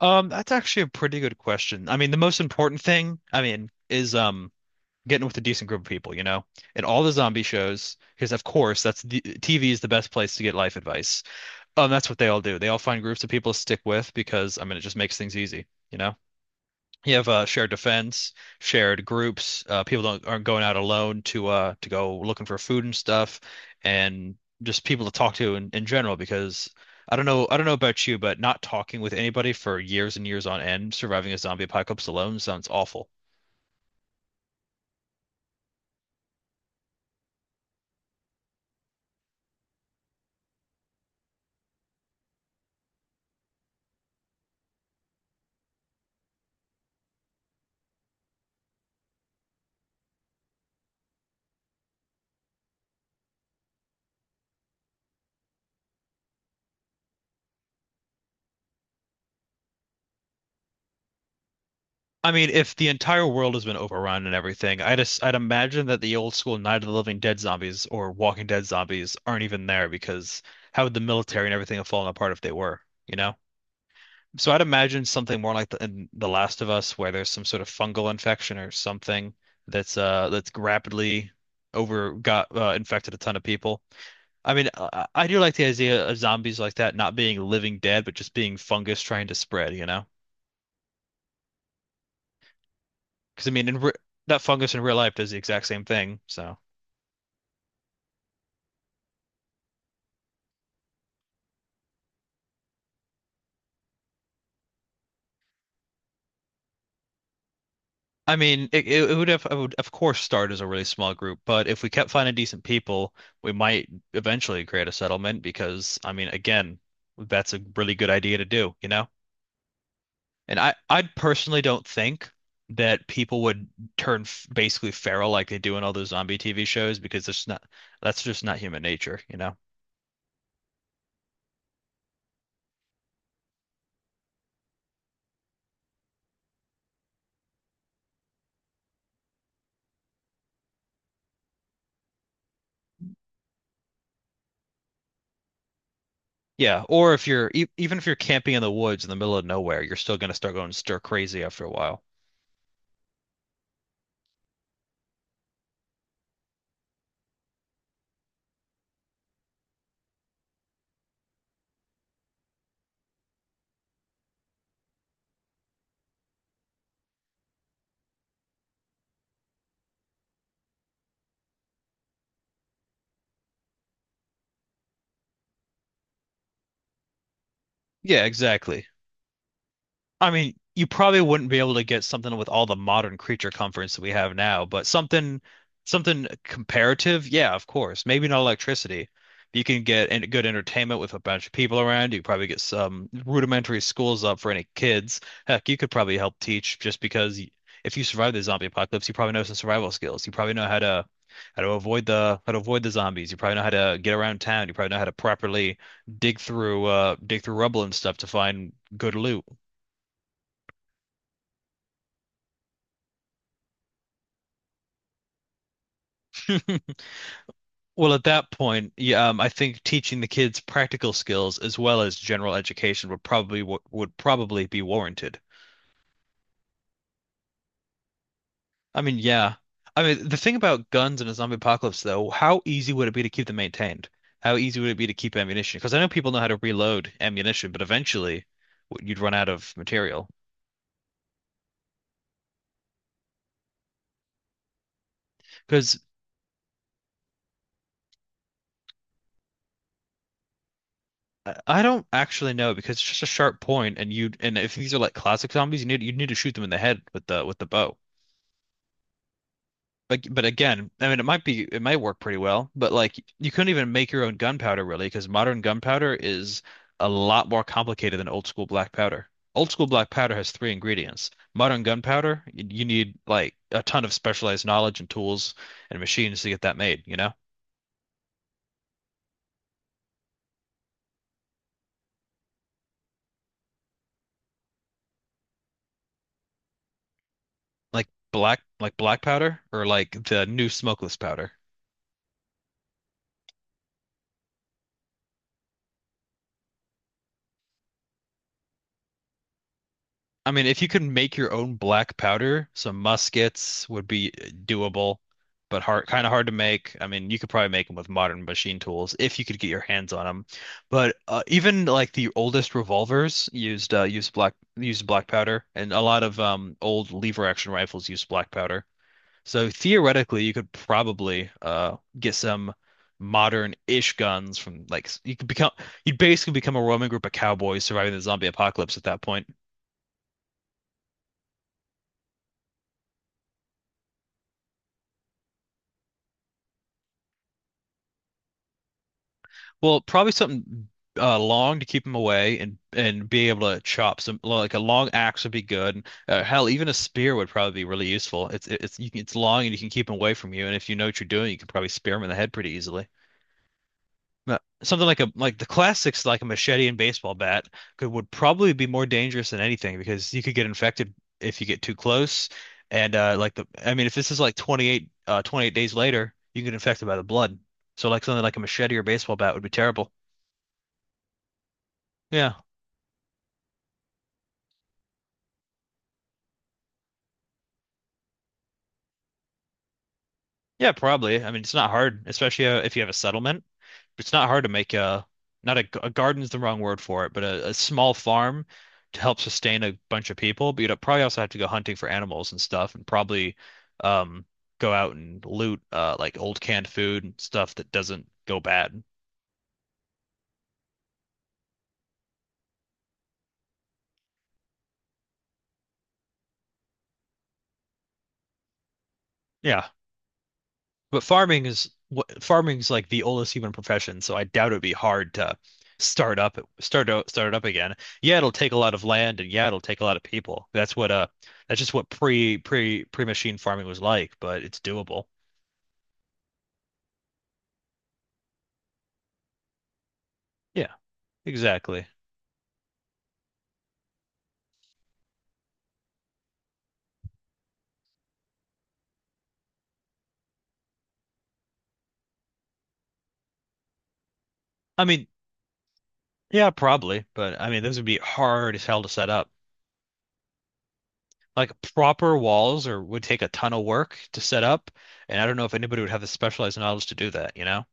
That's actually a pretty good question. I mean, the most important thing, I mean, is getting with a decent group of people, you know, in all the zombie shows, because of course that's the TV is the best place to get life advice. That's what they all do. They all find groups of people to stick with because I mean it just makes things easy, you know? You have shared defense, shared groups. People don't aren't going out alone to go looking for food and stuff, and just people to talk to in general. Because I don't know about you, but not talking with anybody for years and years on end, surviving a zombie apocalypse alone sounds awful. I mean, if the entire world has been overrun and everything, I'd imagine that the old school Night of the Living Dead zombies or Walking Dead zombies aren't even there because how would the military and everything have fallen apart if they were, you know? So I'd imagine something more like in The Last of Us, where there's some sort of fungal infection or something that's rapidly over got infected a ton of people. I mean, I do like the idea of zombies like that not being living dead, but just being fungus trying to spread, you know? Because I mean, in re that fungus in real life does the exact same thing. So I mean, I would of course start as a really small group, but if we kept finding decent people, we might eventually create a settlement because, I mean, again, that's a really good idea to do, you know? And I personally don't think that people would turn f basically feral like they do in all those zombie TV shows because there's not, that's just not human nature, you know? Yeah, or if you're e even if you're camping in the woods in the middle of nowhere, you're still going to start going stir crazy after a while. Yeah, exactly. I mean, you probably wouldn't be able to get something with all the modern creature comforts that we have now, but something comparative, yeah, of course. Maybe not electricity. You can get good entertainment with a bunch of people around. You probably get some rudimentary schools up for any kids. Heck, you could probably help teach just because if you survive the zombie apocalypse, you probably know some survival skills. You probably know how to avoid the zombies. You probably know how to get around town. You probably know how to properly dig through rubble and stuff to find good loot. Well, at that point, yeah, I think teaching the kids practical skills as well as general education would probably be warranted. I mean, yeah. I mean, the thing about guns in a zombie apocalypse, though, how easy would it be to keep them maintained? How easy would it be to keep ammunition? Because I know people know how to reload ammunition, but eventually you'd run out of material. Because I don't actually know because it's just a sharp point, and you and if these are like classic zombies, you need to shoot them in the head with the bow. But again, I mean, it might work pretty well, but like you couldn't even make your own gunpowder really, because modern gunpowder is a lot more complicated than old school black powder. Old school black powder has three ingredients. Modern gunpowder, you need like a ton of specialized knowledge and tools and machines to get that made, you know? Like black powder or like the new smokeless powder. I mean, if you could make your own black powder, some muskets would be doable, but kind of hard to make. I mean, you could probably make them with modern machine tools if you could get your hands on them. But even like the oldest revolvers used used black powder, and a lot of old lever action rifles used black powder. So theoretically, you could probably get some modern-ish guns from like s- you could become you'd basically become a roaming group of cowboys surviving the zombie apocalypse at that point. Well, probably something long to keep him away and be able to chop some like a long axe would be good. And, hell, even a spear would probably be really useful. It's it's long and you can keep him away from you. And if you know what you're doing, you can probably spear him in the head pretty easily. But something like the classics, like a machete and baseball bat, could would probably be more dangerous than anything because you could get infected if you get too close. And like the I mean, if this is like 28 days later, you can get infected by the blood. So like something like a machete or baseball bat would be terrible. Yeah. Yeah, probably. I mean, it's not hard, especially if you have a settlement. It's not hard to make a not a, g- a garden's the wrong word for it, but a small farm to help sustain a bunch of people. But you'd probably also have to go hunting for animals and stuff, and probably um go out and loot like old canned food and stuff that doesn't go bad. Yeah. But farming is like the oldest human profession, so I doubt it'd be hard to start it up again. Yeah, it'll take a lot of land and yeah, it'll take a lot of people. That's just what pre-machine farming was like, but it's doable. Yeah, exactly. I mean, yeah, probably, but I mean those would be hard as hell to set up. Like proper walls or would take a ton of work to set up, and I don't know if anybody would have the specialized knowledge to do that, you know?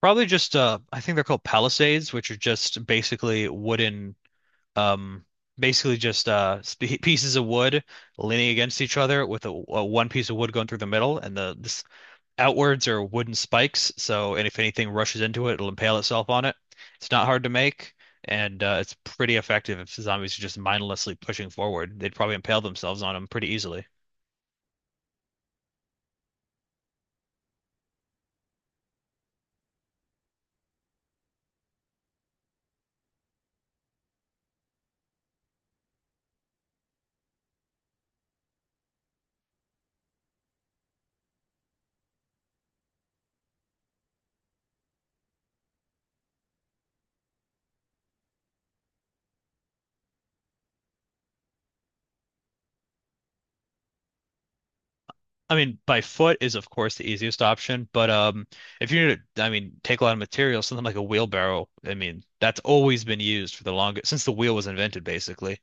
Probably just I think they're called palisades, which are just basically wooden um basically just sp pieces of wood leaning against each other with a one piece of wood going through the middle and the this outwards are wooden spikes, so and if anything rushes into it, it'll impale itself on it. It's not hard to make and it's pretty effective if zombies are just mindlessly pushing forward. They'd probably impale themselves on them pretty easily. I mean, by foot is of course the easiest option, but if you're gonna, I mean, take a lot of material, something like a wheelbarrow, I mean, that's always been used for the longest since the wheel was invented, basically.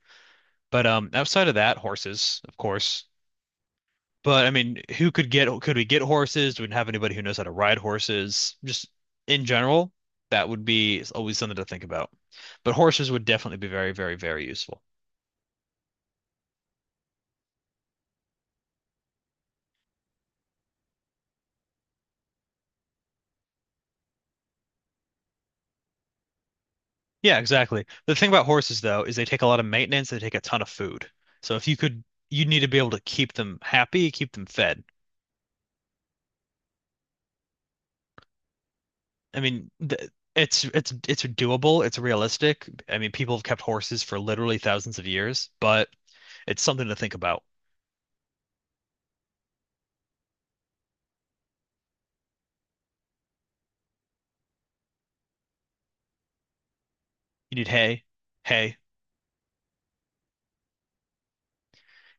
But outside of that, horses, of course. But I mean, who could get? Could we get horses? Do we have anybody who knows how to ride horses? Just in general, that would be always something to think about. But horses would definitely be very, very, very useful. Yeah, exactly. The thing about horses, though, is they take a lot of maintenance, they take a ton of food. So if you could, you need to be able to keep them happy, keep them fed. I mean, th it's it's doable, it's realistic. I mean, people have kept horses for literally thousands of years, but it's something to think about. You need hay.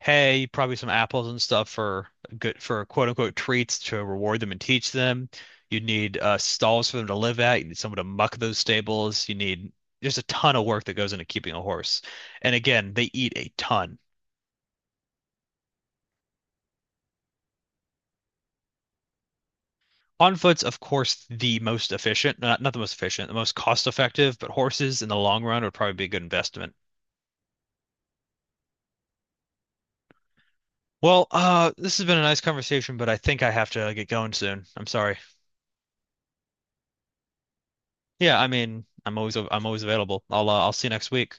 Hey, probably some apples and stuff for quote unquote treats to reward them and teach them. You need stalls for them to live at. You need someone to muck those stables. You need there's a ton of work that goes into keeping a horse. And again, they eat a ton. On foot's, of course, the most efficient, not the most efficient, the most cost effective, but horses in the long run would probably be a good investment. Well, this has been a nice conversation, but I think I have to get going soon. I'm sorry. Yeah, I mean, I'm always available. I'll see you next week.